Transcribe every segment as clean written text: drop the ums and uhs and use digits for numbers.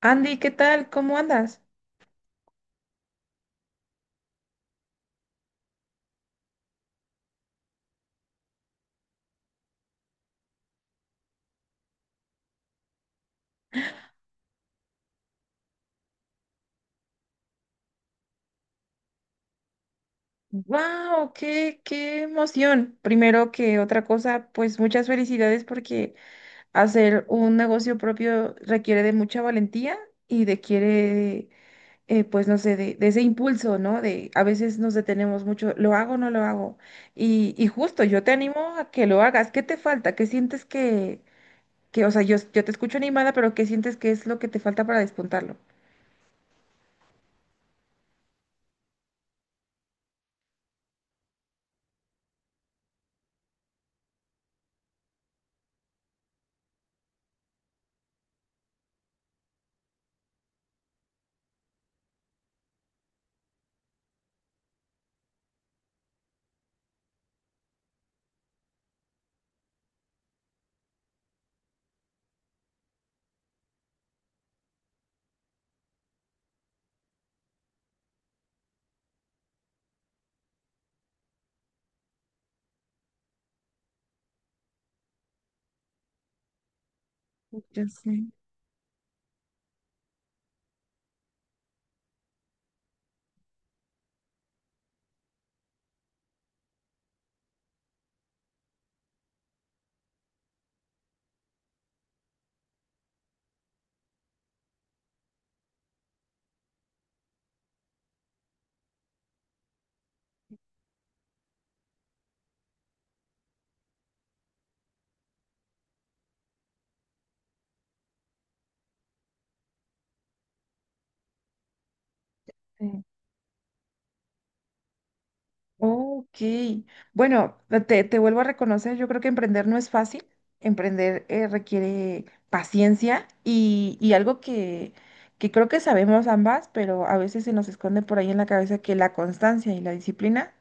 Andy, ¿qué tal? ¿Cómo andas? ¡Wow! ¡Qué, qué emoción! Primero que otra cosa, pues muchas felicidades porque hacer un negocio propio requiere de mucha valentía y de quiere, pues no sé, de ese impulso, ¿no? De a veces nos detenemos mucho, ¿lo hago o no lo hago? Y justo, yo te animo a que lo hagas. ¿Qué te falta? ¿Qué sientes que, o sea, yo te escucho animada, pero ¿qué sientes que es lo que te falta para despuntarlo? Ya sé. Ok, bueno, te vuelvo a reconocer, yo creo que emprender no es fácil, emprender requiere paciencia y algo que creo que sabemos ambas, pero a veces se nos esconde por ahí en la cabeza que la constancia y la disciplina,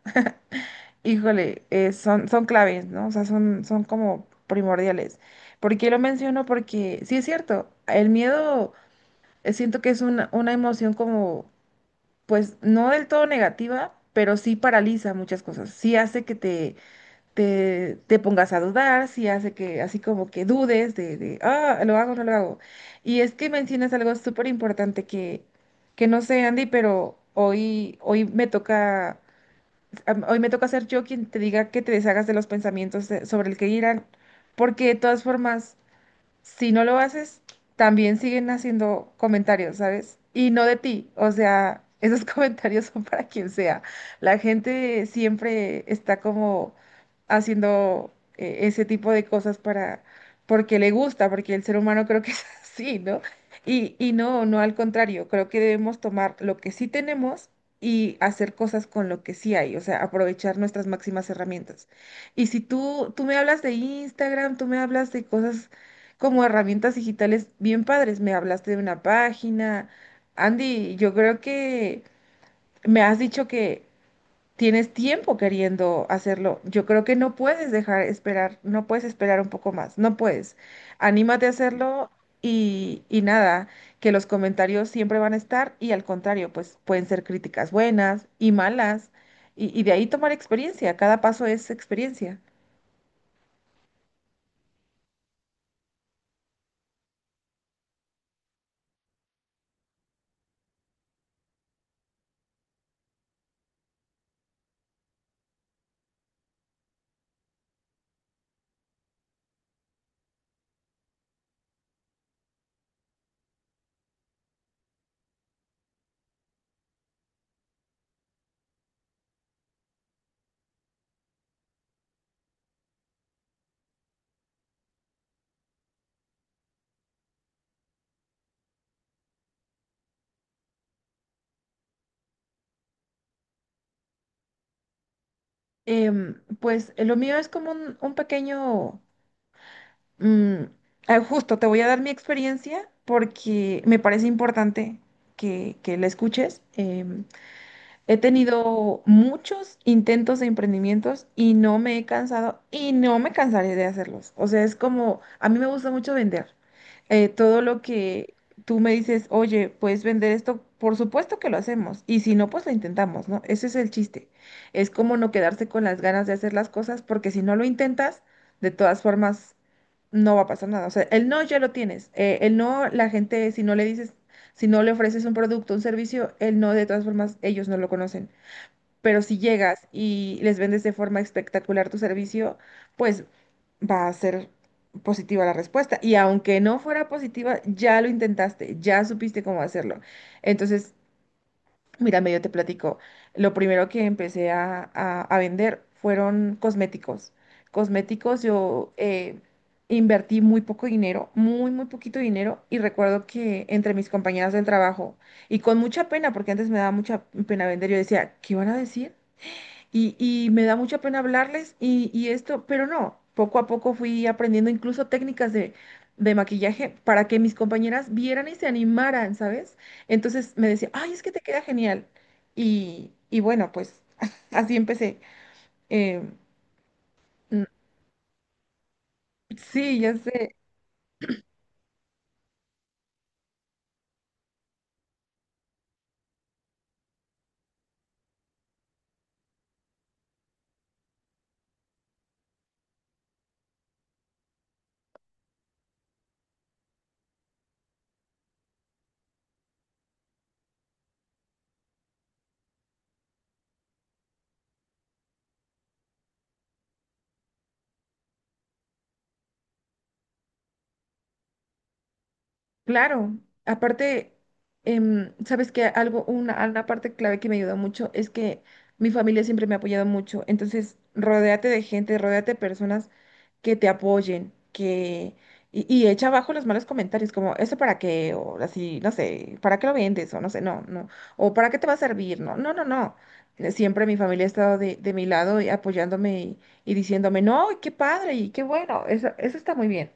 híjole, son, son claves, ¿no? O sea, son, son como primordiales. ¿Por qué lo menciono? Porque sí es cierto, el miedo siento que es una emoción como, pues no del todo negativa, pero sí paraliza muchas cosas, sí hace que te te pongas a dudar, si hace que así como que dudes de, ah, lo hago no lo hago. Y es que mencionas algo súper importante que no sé, Andy, pero hoy, hoy me toca, hoy me toca ser yo quien te diga que te deshagas de los pensamientos sobre el que irán, porque de todas formas si no lo haces, también siguen haciendo comentarios, ¿sabes? Y no de ti, o sea, esos comentarios son para quien sea. La gente siempre está como haciendo ese tipo de cosas para, porque le gusta, porque el ser humano creo que es así, ¿no? Y no, no al contrario, creo que debemos tomar lo que sí tenemos. Y hacer cosas con lo que sí hay, o sea, aprovechar nuestras máximas herramientas. Y si tú, tú me hablas de Instagram, tú me hablas de cosas como herramientas digitales bien padres. Me hablaste de una página. Andy, yo creo que me has dicho que tienes tiempo queriendo hacerlo. Yo creo que no puedes dejar esperar, no puedes esperar un poco más, no puedes. Anímate a hacerlo y nada, que los comentarios siempre van a estar y al contrario, pues pueden ser críticas buenas y malas. Y de ahí tomar experiencia, cada paso es experiencia. Pues lo mío es como un pequeño mm, ah, justo te voy a dar mi experiencia porque me parece importante que la escuches. He tenido muchos intentos de emprendimientos y no me he cansado y no me cansaré de hacerlos. O sea, es como, a mí me gusta mucho vender. Todo lo que tú me dices, oye, puedes vender esto, por supuesto que lo hacemos. Y si no, pues lo intentamos, ¿no? Ese es el chiste. Es como no quedarse con las ganas de hacer las cosas porque si no lo intentas, de todas formas no va a pasar nada. O sea, el no ya lo tienes. El no, la gente, si no le dices si no le ofreces un producto, un servicio, él no, de todas formas, ellos no lo conocen. Pero si llegas y les vendes de forma espectacular tu servicio, pues va a ser positiva la respuesta. Y aunque no fuera positiva, ya lo intentaste, ya supiste cómo hacerlo. Entonces, mira, medio te platico. Lo primero que empecé a vender fueron cosméticos. Cosméticos, yo invertí muy poco dinero, muy, muy poquito dinero. Y recuerdo que entre mis compañeras del trabajo, y con mucha pena, porque antes me daba mucha pena vender, yo decía, ¿qué van a decir? Y me da mucha pena hablarles y esto, pero no, poco a poco fui aprendiendo incluso técnicas de maquillaje para que mis compañeras vieran y se animaran, ¿sabes? Entonces me decía, ay, es que te queda genial. Y bueno, pues así empecé. Em, mm, sí, ya sé. Claro, aparte, sabes que algo, una parte clave que me ayudó mucho es que mi familia siempre me ha apoyado mucho. Entonces, rodéate de gente, rodéate de personas que te apoyen, que, y echa abajo los malos comentarios, como, ¿eso para qué? O así, no sé, ¿para qué lo vendes? O no sé, no, no. O ¿para qué te va a servir? No, no, no, no. Siempre mi familia ha estado de mi lado y apoyándome y diciéndome, no, qué padre y qué bueno, eso está muy bien.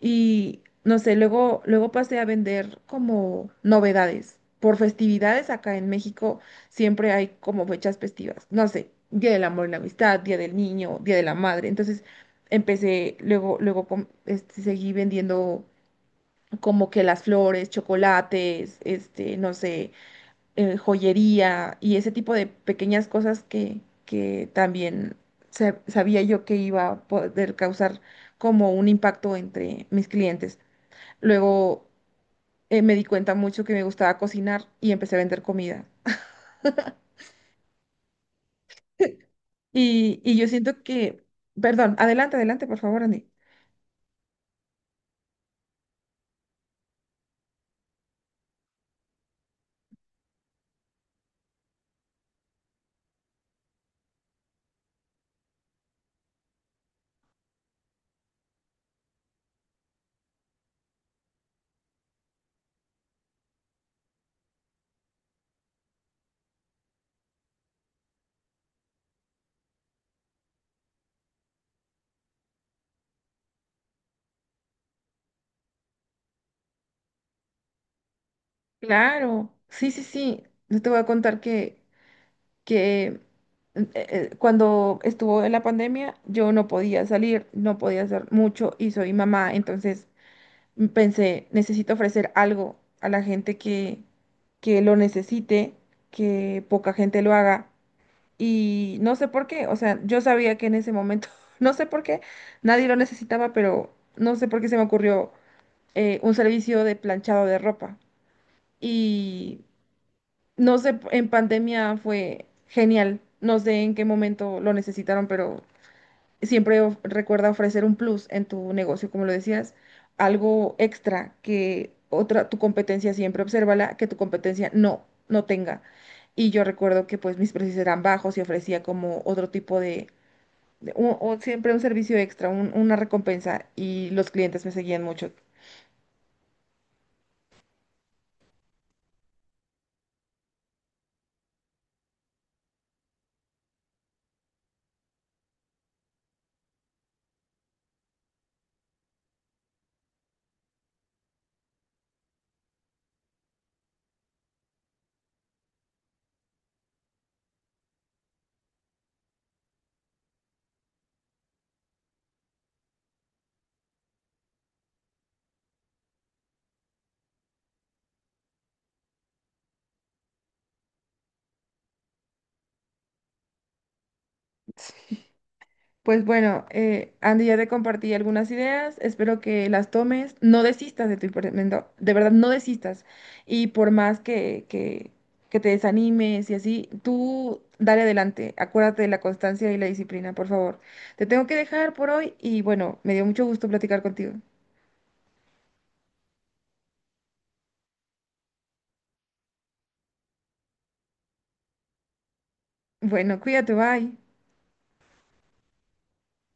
Y no sé, luego, luego pasé a vender como novedades. Por festividades acá en México siempre hay como fechas festivas. No sé, Día del Amor y la Amistad, Día del Niño, Día de la Madre. Entonces empecé, luego, este, seguí vendiendo como que las flores, chocolates, este, no sé, joyería y ese tipo de pequeñas cosas que también sabía yo que iba a poder causar como un impacto entre mis clientes. Luego me di cuenta mucho que me gustaba cocinar y empecé a vender comida. Y yo siento que, perdón, adelante, adelante, por favor, Andy. Claro, sí, sí, sí. Yo te voy a contar que, que cuando estuvo en la pandemia, yo no podía salir, no podía hacer mucho y soy mamá, entonces pensé, necesito ofrecer algo a la gente que lo necesite, que poca gente lo haga. Y no sé por qué, o sea, yo sabía que en ese momento, no sé por qué, nadie lo necesitaba, pero no sé por qué se me ocurrió un servicio de planchado de ropa. Y no sé, en pandemia fue genial, no sé en qué momento lo necesitaron, pero siempre recuerda ofrecer un plus en tu negocio, como lo decías, algo extra que otra, tu competencia siempre obsérvala, que tu competencia no, no tenga. Y yo recuerdo que pues mis precios eran bajos y ofrecía como otro tipo de o siempre un servicio extra, una recompensa y los clientes me seguían mucho. Pues bueno, Andy, ya te compartí algunas ideas, espero que las tomes, no desistas de tu emprendimiento, de verdad no desistas y por más que te desanimes y así, tú dale adelante, acuérdate de la constancia y la disciplina, por favor. Te tengo que dejar por hoy y bueno, me dio mucho gusto platicar contigo. Bueno, cuídate, bye.